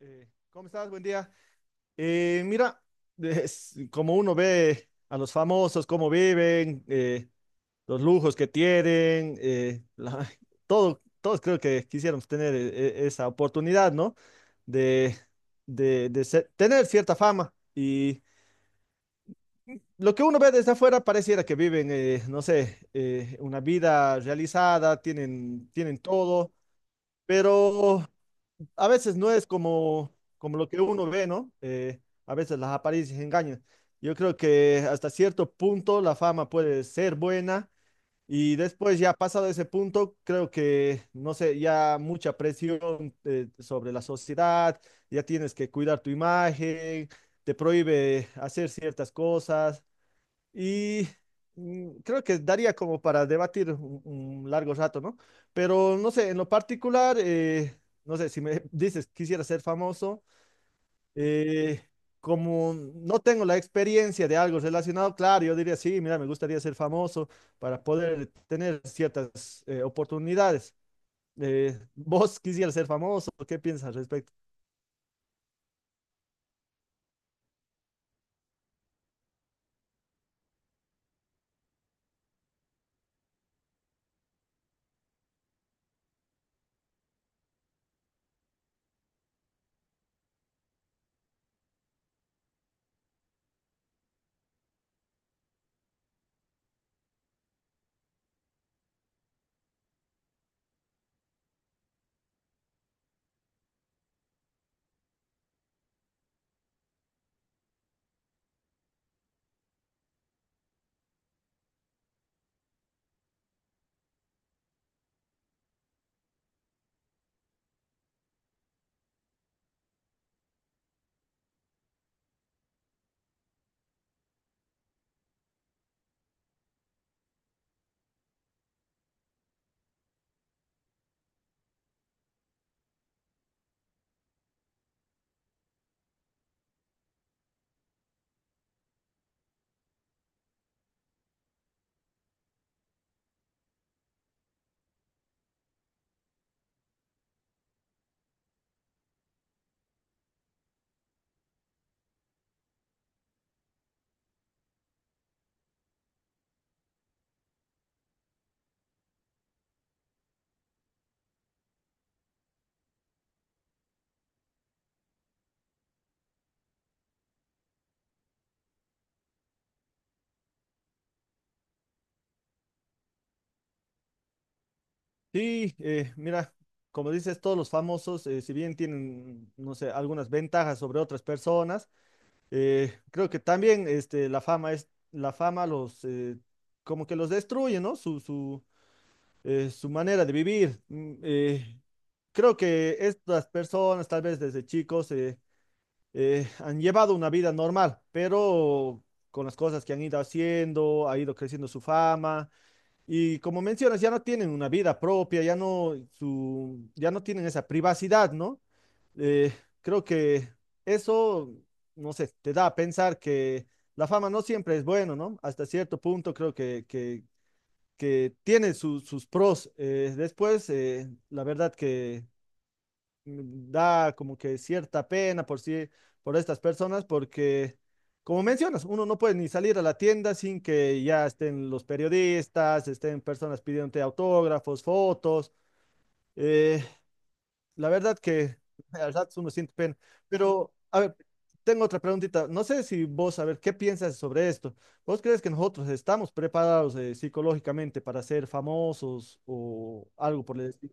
¿Cómo estás? Buen día. Mira, es como uno ve a los famosos, cómo viven, los lujos que tienen, todo, todos creo que quisiéramos tener esa oportunidad, ¿no? De, Tener cierta fama. Y lo que uno ve desde afuera pareciera que viven, no sé, una vida realizada, tienen, tienen todo, pero a veces no es como, como lo que uno ve, ¿no? A veces las apariencias engañan. Yo creo que hasta cierto punto la fama puede ser buena y después ya pasado ese punto, creo que, no sé, ya mucha presión sobre la sociedad, ya tienes que cuidar tu imagen, te prohíbe hacer ciertas cosas. Y Creo que daría como para debatir un largo rato, ¿no? Pero no sé, en lo particular, no sé, si me dices quisiera ser famoso, eh, como no tengo la experiencia de algo relacionado, claro, yo diría sí, mira, me gustaría ser famoso para poder tener ciertas oportunidades. ¿Vos quisieras ser famoso? ¿Qué piensas al respecto? Sí, mira. Como dices, todos los famosos, si bien tienen, no sé, algunas ventajas sobre otras personas. Creo que también este, la fama es, la fama los como que los destruye, ¿no? Su manera de vivir. Creo que estas personas, tal vez desde chicos, han llevado una vida normal, pero con las cosas que han ido haciendo, ha ido creciendo su fama, y como mencionas, ya no tienen una vida propia, ya no, su, ya no tienen esa privacidad, ¿no? Eh, Creo que eso, no sé, te da a pensar que la fama no siempre es bueno, ¿no? Hasta cierto punto creo que que tiene sus pros. Después, la verdad que da como que cierta pena por sí, por estas personas, porque, como mencionas, uno no puede ni salir a la tienda sin que ya estén los periodistas, estén personas pidiéndote autógrafos, fotos. eh, la verdad que a ratos uno siente pena. Pero, a ver, tengo otra preguntita. No sé si vos, a ver, ¿qué piensas sobre esto? ¿Vos crees que nosotros estamos preparados psicológicamente para ser famosos o algo por el estilo?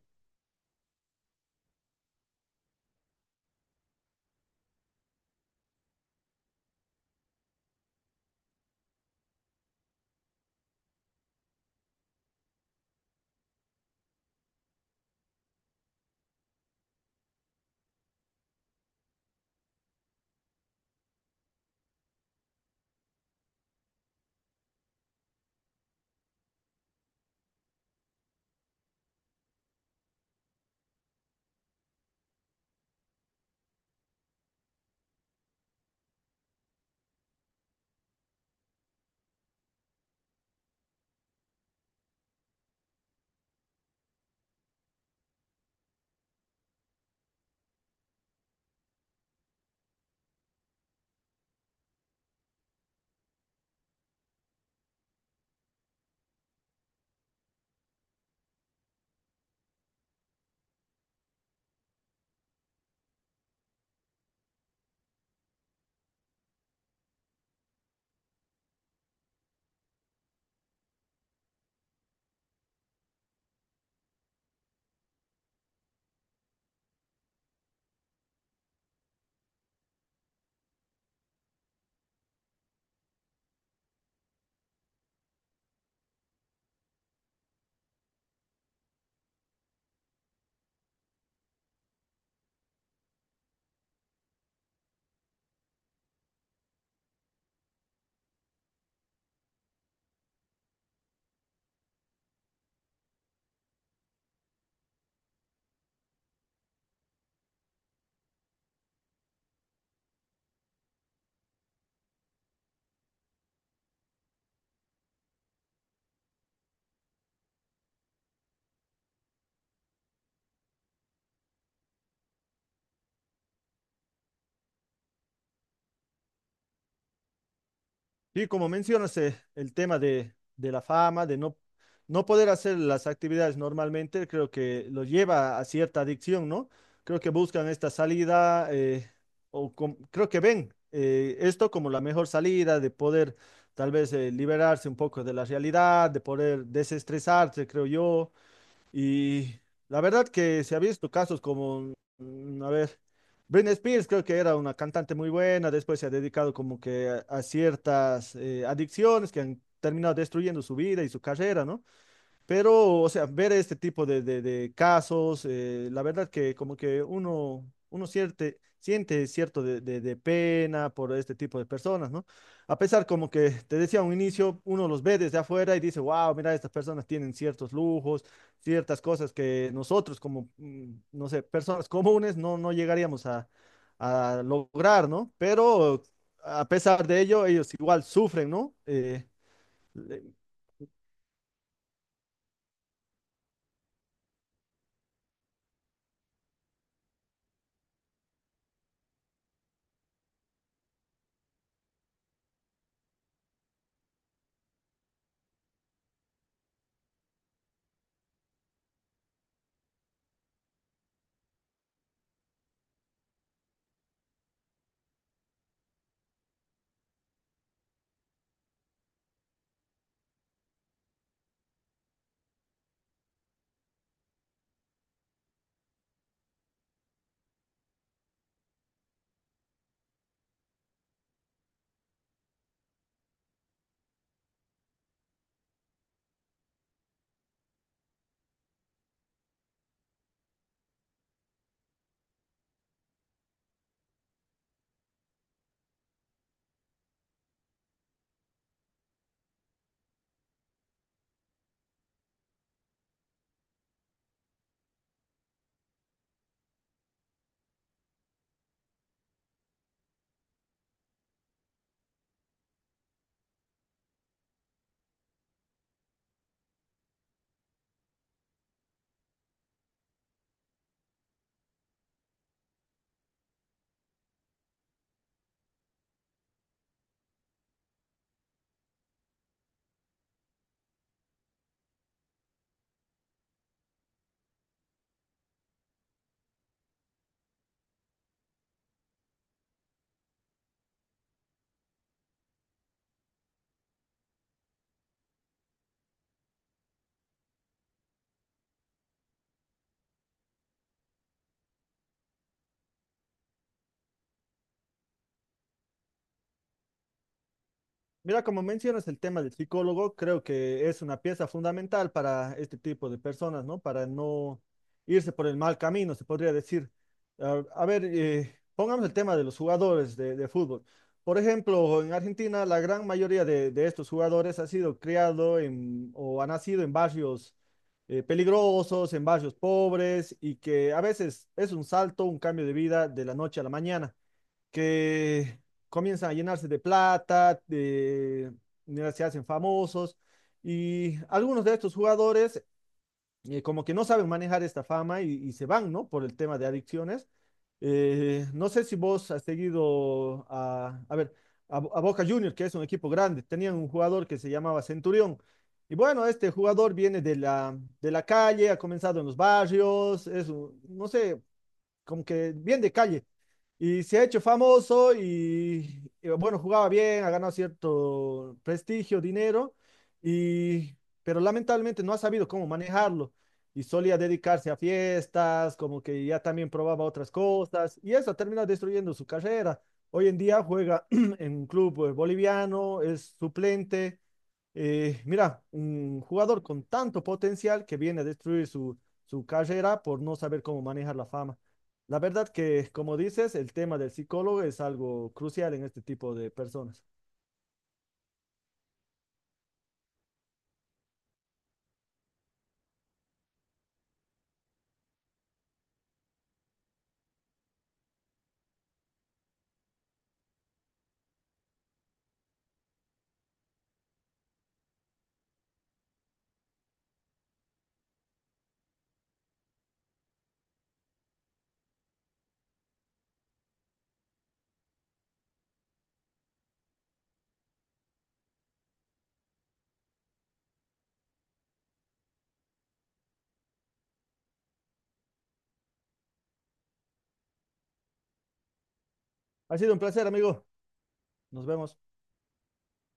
Y como mencionas, el tema de la fama, de no, no poder hacer las actividades normalmente, creo que lo lleva a cierta adicción, ¿no? Creo que buscan esta salida, creo que ven esto como la mejor salida de poder tal vez liberarse un poco de la realidad, de poder desestresarse, creo yo. Y la verdad que se ha visto casos como, a ver, Britney Spears creo que era una cantante muy buena, después se ha dedicado como que a ciertas adicciones que han terminado destruyendo su vida y su carrera, ¿no? Pero, o sea, ver este tipo de casos, la verdad que como que uno, uno siente cierto de pena por este tipo de personas, ¿no? A pesar como que te decía a un inicio, uno los ve desde afuera y dice, wow, mira, estas personas tienen ciertos lujos, ciertas cosas que nosotros como, no sé, personas comunes no, no llegaríamos a lograr, ¿no? Pero a pesar de ello, ellos igual sufren, ¿no? Mira, como mencionas el tema del psicólogo, creo que es una pieza fundamental para este tipo de personas, ¿no? Para no irse por el mal camino, se podría decir. A ver, pongamos el tema de los jugadores de fútbol. Por ejemplo, en Argentina, la gran mayoría de estos jugadores ha sido criado en, o ha nacido en barrios peligrosos, en barrios pobres, y que a veces es un salto, un cambio de vida de la noche a la mañana que comienzan a llenarse de plata, de, se hacen famosos y algunos de estos jugadores como que no saben manejar esta fama y, se van, ¿no? Por el tema de adicciones. No sé si vos has seguido a ver, a Boca Juniors, que es un equipo grande, tenían un jugador que se llamaba Centurión. Y bueno, este jugador viene de la calle, ha comenzado en los barrios, es, un, no sé, como que bien de calle. Y se ha hecho famoso y, bueno, jugaba bien, ha ganado cierto prestigio, dinero, y, pero lamentablemente no ha sabido cómo manejarlo. Y solía dedicarse a fiestas, como que ya también probaba otras cosas, y eso termina destruyendo su carrera. Hoy en día juega en un club boliviano, es suplente. Mira, un jugador con tanto potencial que viene a destruir su, su carrera por no saber cómo manejar la fama. La verdad que, como dices, el tema del psicólogo es algo crucial en este tipo de personas. Ha sido un placer, amigo. Nos vemos.